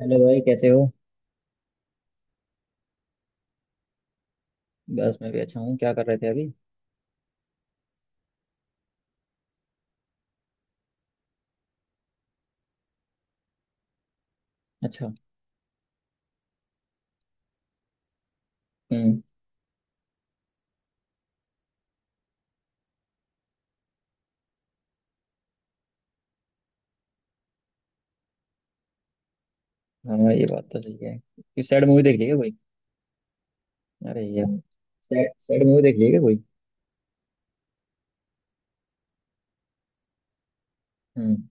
Hello भाई कैसे हो। बस मैं भी अच्छा हूँ। क्या कर रहे थे अभी? अच्छा। हम्म। हाँ ये बात तो सही है, कुछ सैड मूवी देख ली क्या कोई? अरे यार। सैड सैड मूवी देख ली है क्या कोई? हम्म।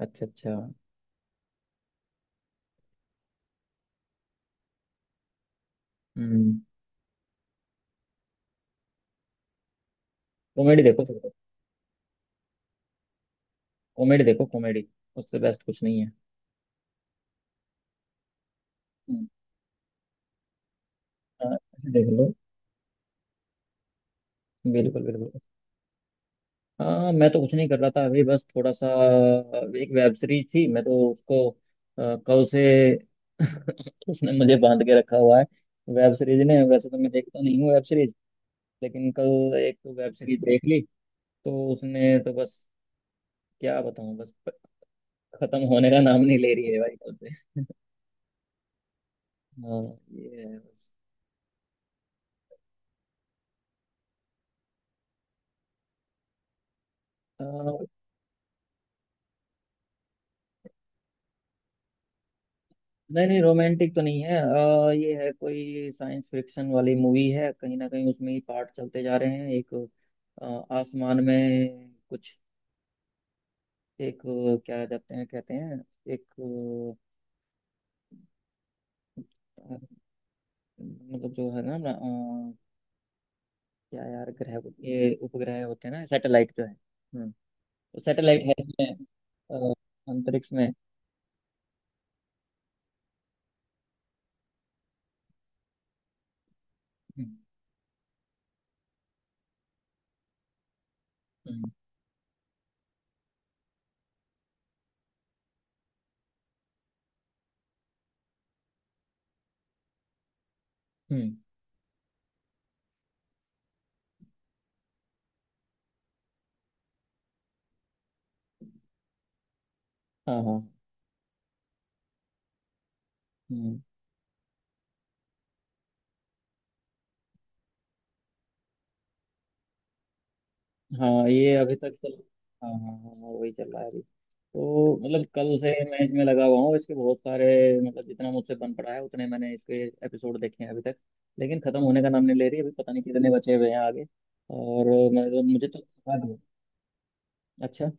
अच्छा अच्छा। हम्म। कॉमेडी देखो फिर तो। कॉमेडी देखो कॉमेडी। उससे बेस्ट कुछ नहीं है। हम्म। हाँ, ऐसे देख लो। बिल्कुल बिल्कुल। हाँ मैं तो कुछ नहीं कर रहा था अभी, बस थोड़ा सा एक वेब सीरीज थी, मैं तो उसको कल से उसने मुझे बांध के रखा हुआ है। वेब सीरीज ने, वैसे तो मैं देखता नहीं हूँ वेब सीरीज, लेकिन कल एक तो वेब सीरीज देख ली, तो उसने तो बस, क्या बताऊं, बस खत्म होने का नाम नहीं ले रही है भाई कल से। हाँ ये है बस। अ, नहीं नहीं, रोमांटिक तो नहीं है, ये है कोई साइंस फिक्शन वाली मूवी है, कहीं ना कहीं उसमें ही पार्ट चलते जा रहे हैं एक, अ, आसमान में कुछ एक, क्या कहते हैं एक, अ, मतलब जो है ना, क्या यार, ग्रह, ये उपग्रह होते हैं ना, सैटेलाइट जो है। हाँ। तो सैटेलाइट है इसमें, अ, अंतरिक्ष में। हम्म। हम्म। हम्म, हाँ हाँ। हम्म। हाँ ये अभी तक चल। हाँ हाँ हाँ हाँ, वही चल रहा है अभी। तो मतलब कल से मैच में लगा हुआ हूँ इसके, बहुत सारे मतलब जितना मुझसे बन पड़ा है उतने मैंने इसके एपिसोड देखे हैं अभी तक, लेकिन खत्म होने का नाम नहीं ले रही। अभी पता नहीं कितने बचे हुए हैं आगे। और मुझे तो बता दो। अच्छा।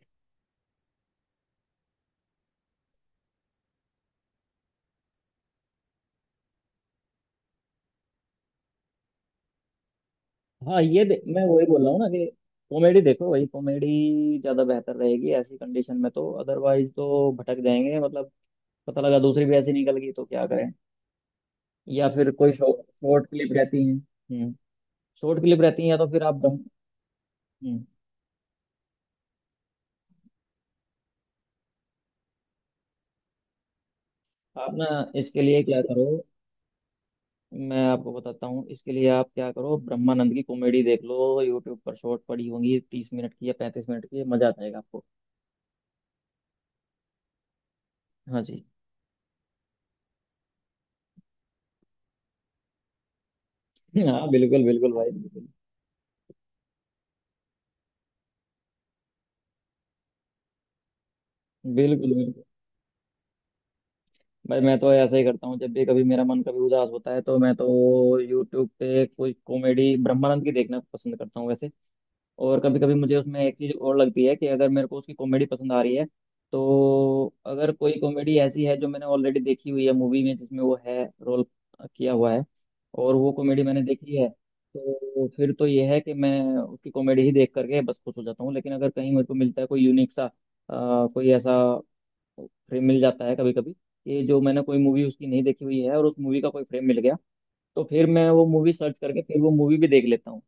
हाँ मैं वही बोल रहा हूँ ना कि कॉमेडी देखो, वही कॉमेडी ज्यादा बेहतर रहेगी ऐसी कंडीशन में, तो अदरवाइज तो भटक जाएंगे मतलब, पता लगा दूसरी भी ऐसी निकल गई तो क्या करें। या फिर कोई शॉर्ट क्लिप रहती है। हम्म। शॉर्ट क्लिप रहती है, या तो फिर आप ब्रह्म हम्म, आप ना, इसके लिए क्या करो, मैं आपको बताता हूँ इसके लिए आप क्या करो, ब्रह्मानंद की कॉमेडी देख लो यूट्यूब पर, शॉर्ट पड़ी होंगी तीस मिनट की या पैंतीस मिनट की, मजा आ जाएगा आपको। हाँ जी। हाँ बिल्कुल बिल्कुल भाई, बिल्कुल बिल्कुल बिल्कुल। भाई मैं तो ऐसा ही करता हूँ, जब भी कभी मेरा मन कभी उदास होता है तो मैं तो यूट्यूब पे कोई कॉमेडी ब्रह्मानंद की देखना पसंद करता हूँ वैसे। और कभी कभी मुझे उसमें एक चीज़ और लगती है कि अगर मेरे को उसकी कॉमेडी पसंद आ रही है, तो अगर कोई कॉमेडी ऐसी है जो मैंने ऑलरेडी देखी हुई है मूवी में जिसमें वो है रोल किया हुआ है, और वो कॉमेडी मैंने देखी है, तो फिर तो ये है कि मैं उसकी कॉमेडी ही देख करके बस खुश हो जाता हूँ। लेकिन अगर कहीं मेरे को मिलता है कोई यूनिक सा कोई ऐसा फ्रेम मिल जाता है कभी कभी, कि जो मैंने कोई मूवी उसकी नहीं देखी हुई है और उस मूवी का कोई फ्रेम मिल गया, तो फिर मैं वो मूवी सर्च करके फिर वो मूवी भी देख लेता हूँ।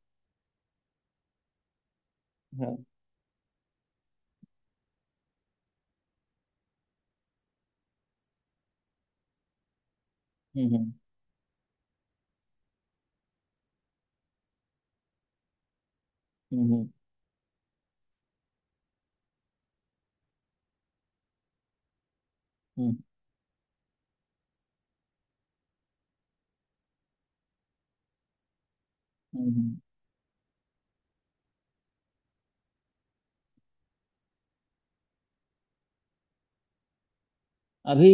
हाँ। हम्म। हम्म हम्म। हम्म हम्म। अभी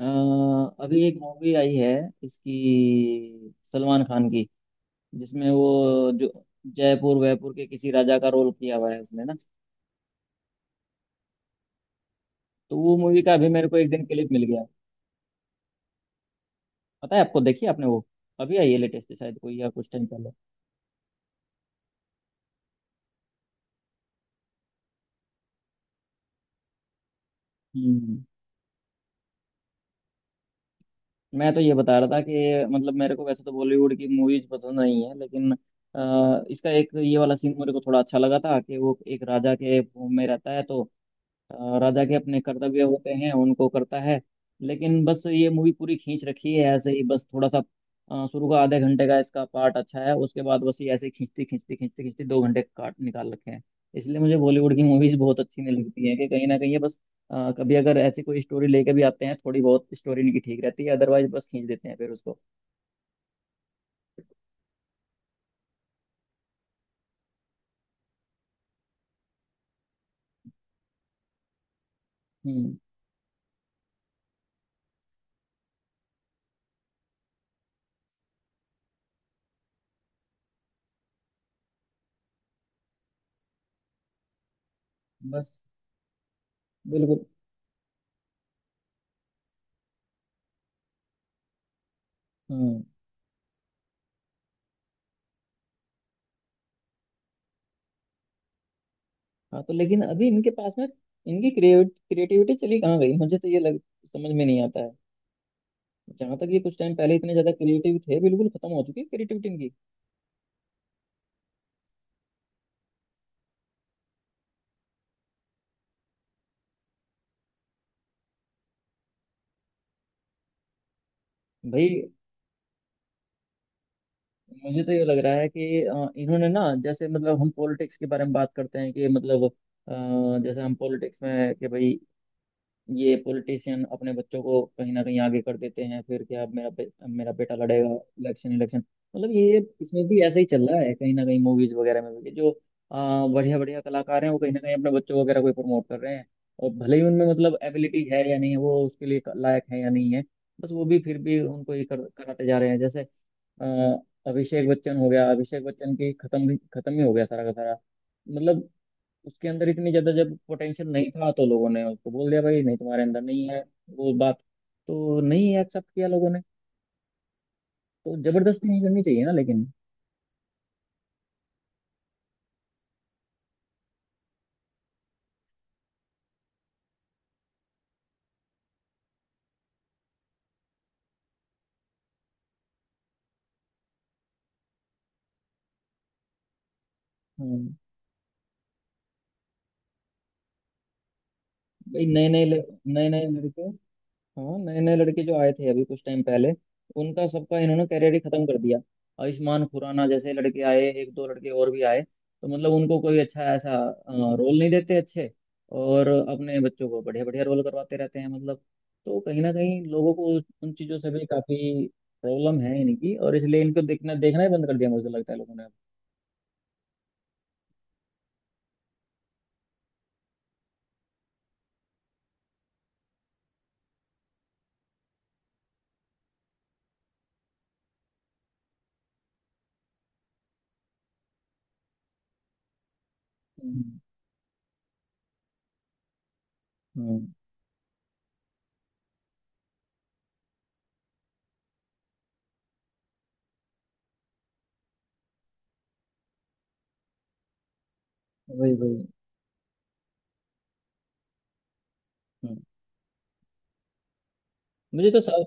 अ, अभी एक मूवी आई है इसकी सलमान खान की, जिसमें वो जो जयपुर वयपुर के किसी राजा का रोल किया हुआ है उसने ना, तो वो मूवी का अभी मेरे को एक दिन क्लिप मिल गया। पता है आपको, देखिए आपने वो, अभी आई है लेटेस्ट शायद कोई, या कुछ टाइम पहले। हम्म। मैं तो ये बता रहा था कि मतलब मेरे को वैसे तो बॉलीवुड की मूवीज पसंद नहीं है, लेकिन इसका एक ये वाला सीन मेरे को थोड़ा अच्छा लगा था, कि वो एक राजा के भूम में रहता है, तो राजा के अपने कर्तव्य होते हैं उनको करता है। लेकिन बस ये मूवी पूरी खींच रखी है ऐसे ही बस थोड़ा सा। शुरू का आधे घंटे का इसका पार्ट अच्छा है, उसके बाद बस ये ऐसे ही खींचती खींचती खींचती खींचती दो घंटे काट निकाल रखे हैं। इसलिए मुझे बॉलीवुड की मूवीज बहुत अच्छी नहीं लगती हैं, कि कहीं ना कहीं ये बस कभी अगर ऐसी कोई स्टोरी लेके भी आते हैं, थोड़ी बहुत स्टोरी इनकी ठीक रहती है, अदरवाइज बस खींच देते हैं फिर उसको। हम्म। बस बिल्कुल। हम्म। हाँ, तो लेकिन अभी इनके पास में इनकी क्रिएटिविटी चली कहाँ गई, मुझे तो ये लग, समझ में नहीं आता है। जहाँ तक ये कुछ टाइम पहले इतने ज्यादा क्रिएटिव थे, बिल्कुल खत्म हो चुकी है क्रिएटिविटी इनकी। भाई मुझे तो ये लग रहा है कि इन्होंने ना, जैसे मतलब हम पॉलिटिक्स के बारे में बात करते हैं, कि मतलब जैसे हम पॉलिटिक्स में, कि भाई ये पॉलिटिशियन अपने बच्चों को कहीं ना कहीं आगे कर देते हैं, फिर क्या, मेरा बेटा लड़ेगा इलेक्शन इलेक्शन। मतलब ये इसमें भी ऐसा ही चल रहा है कहीं ना कहीं मूवीज वगैरह में भी, जो बढ़िया बढ़िया कलाकार हैं वो कहीं ना कहीं अपने बच्चों वगैरह को प्रमोट कर रहे हैं। और भले ही उनमें मतलब एबिलिटी है या नहीं है, वो उसके लिए लायक है या नहीं है, बस वो भी फिर भी उनको कराते जा रहे हैं, जैसे आ, अभिषेक बच्चन हो गया, अभिषेक बच्चन की खत्म ही हो गया सारा का सारा। मतलब उसके अंदर इतनी ज्यादा जब पोटेंशियल नहीं था, तो लोगों ने उसको बोल दिया भाई नहीं, तुम्हारे अंदर नहीं है वो बात, तो नहीं एक्सेप्ट किया लोगों ने, तो जबरदस्ती नहीं करनी चाहिए ना लेकिन। हम्म। भाई नए नए लड़के, हाँ नए नए लड़के जो आए थे अभी कुछ टाइम पहले, उनका सबका इन्होंने कैरियर ही खत्म कर दिया। आयुष्मान खुराना जैसे लड़के आए, एक दो लड़के और भी आए, तो मतलब उनको कोई अच्छा ऐसा रोल नहीं देते अच्छे, और अपने बच्चों को बढ़िया बढ़िया रोल करवाते रहते हैं मतलब। तो कहीं ना कहीं लोगों को उन चीज़ों से भी काफ़ी प्रॉब्लम है इनकी, और इसलिए इनको देखना देखना ही बंद कर दिया मुझे तो लगता है लोगों ने। हम्म। हम्म, वही वही। हम्म। मुझे तो साउथ,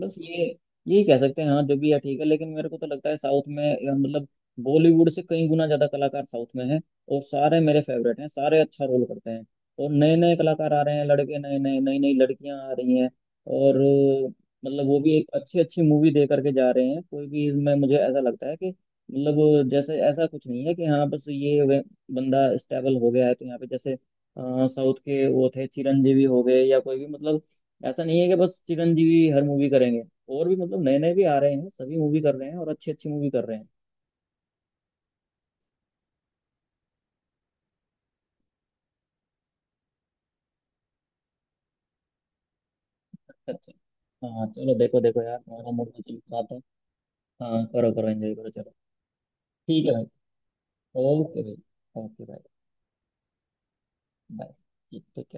बस ये यही कह सकते हैं, हाँ जो भी है ठीक है, लेकिन मेरे को तो लगता है साउथ में मतलब बॉलीवुड से कई गुना ज्यादा कलाकार साउथ में हैं। और सारे मेरे फेवरेट हैं, सारे अच्छा रोल करते हैं। और नए नए कलाकार आ रहे हैं, लड़के नए नए, नई नई लड़कियां आ रही हैं। और मतलब वो भी एक अच्छी अच्छी मूवी दे करके जा रहे हैं कोई भी। इसमें मुझे ऐसा लगता है कि मतलब, जैसे ऐसा कुछ नहीं है कि हाँ बस ये बंदा स्टेबल हो गया है, तो यहाँ पे जैसे साउथ के वो थे चिरंजीवी हो गए या कोई भी मतलब, ऐसा नहीं है कि बस चिरंजीवी हर मूवी करेंगे। और भी मतलब नए नए भी आ रहे हैं, सभी मूवी कर रहे हैं और अच्छी अच्छी मूवी कर रहे हैं। अच्छा अच्छा। हाँ चलो देखो देखो यार, तुम्हारा मूड मुझे भी खराब था तो। हाँ करो करो एंजॉय करो चलो। ठीक है भाई। ओके भाई। ओके भाई। बाय। ठीक ठीक है।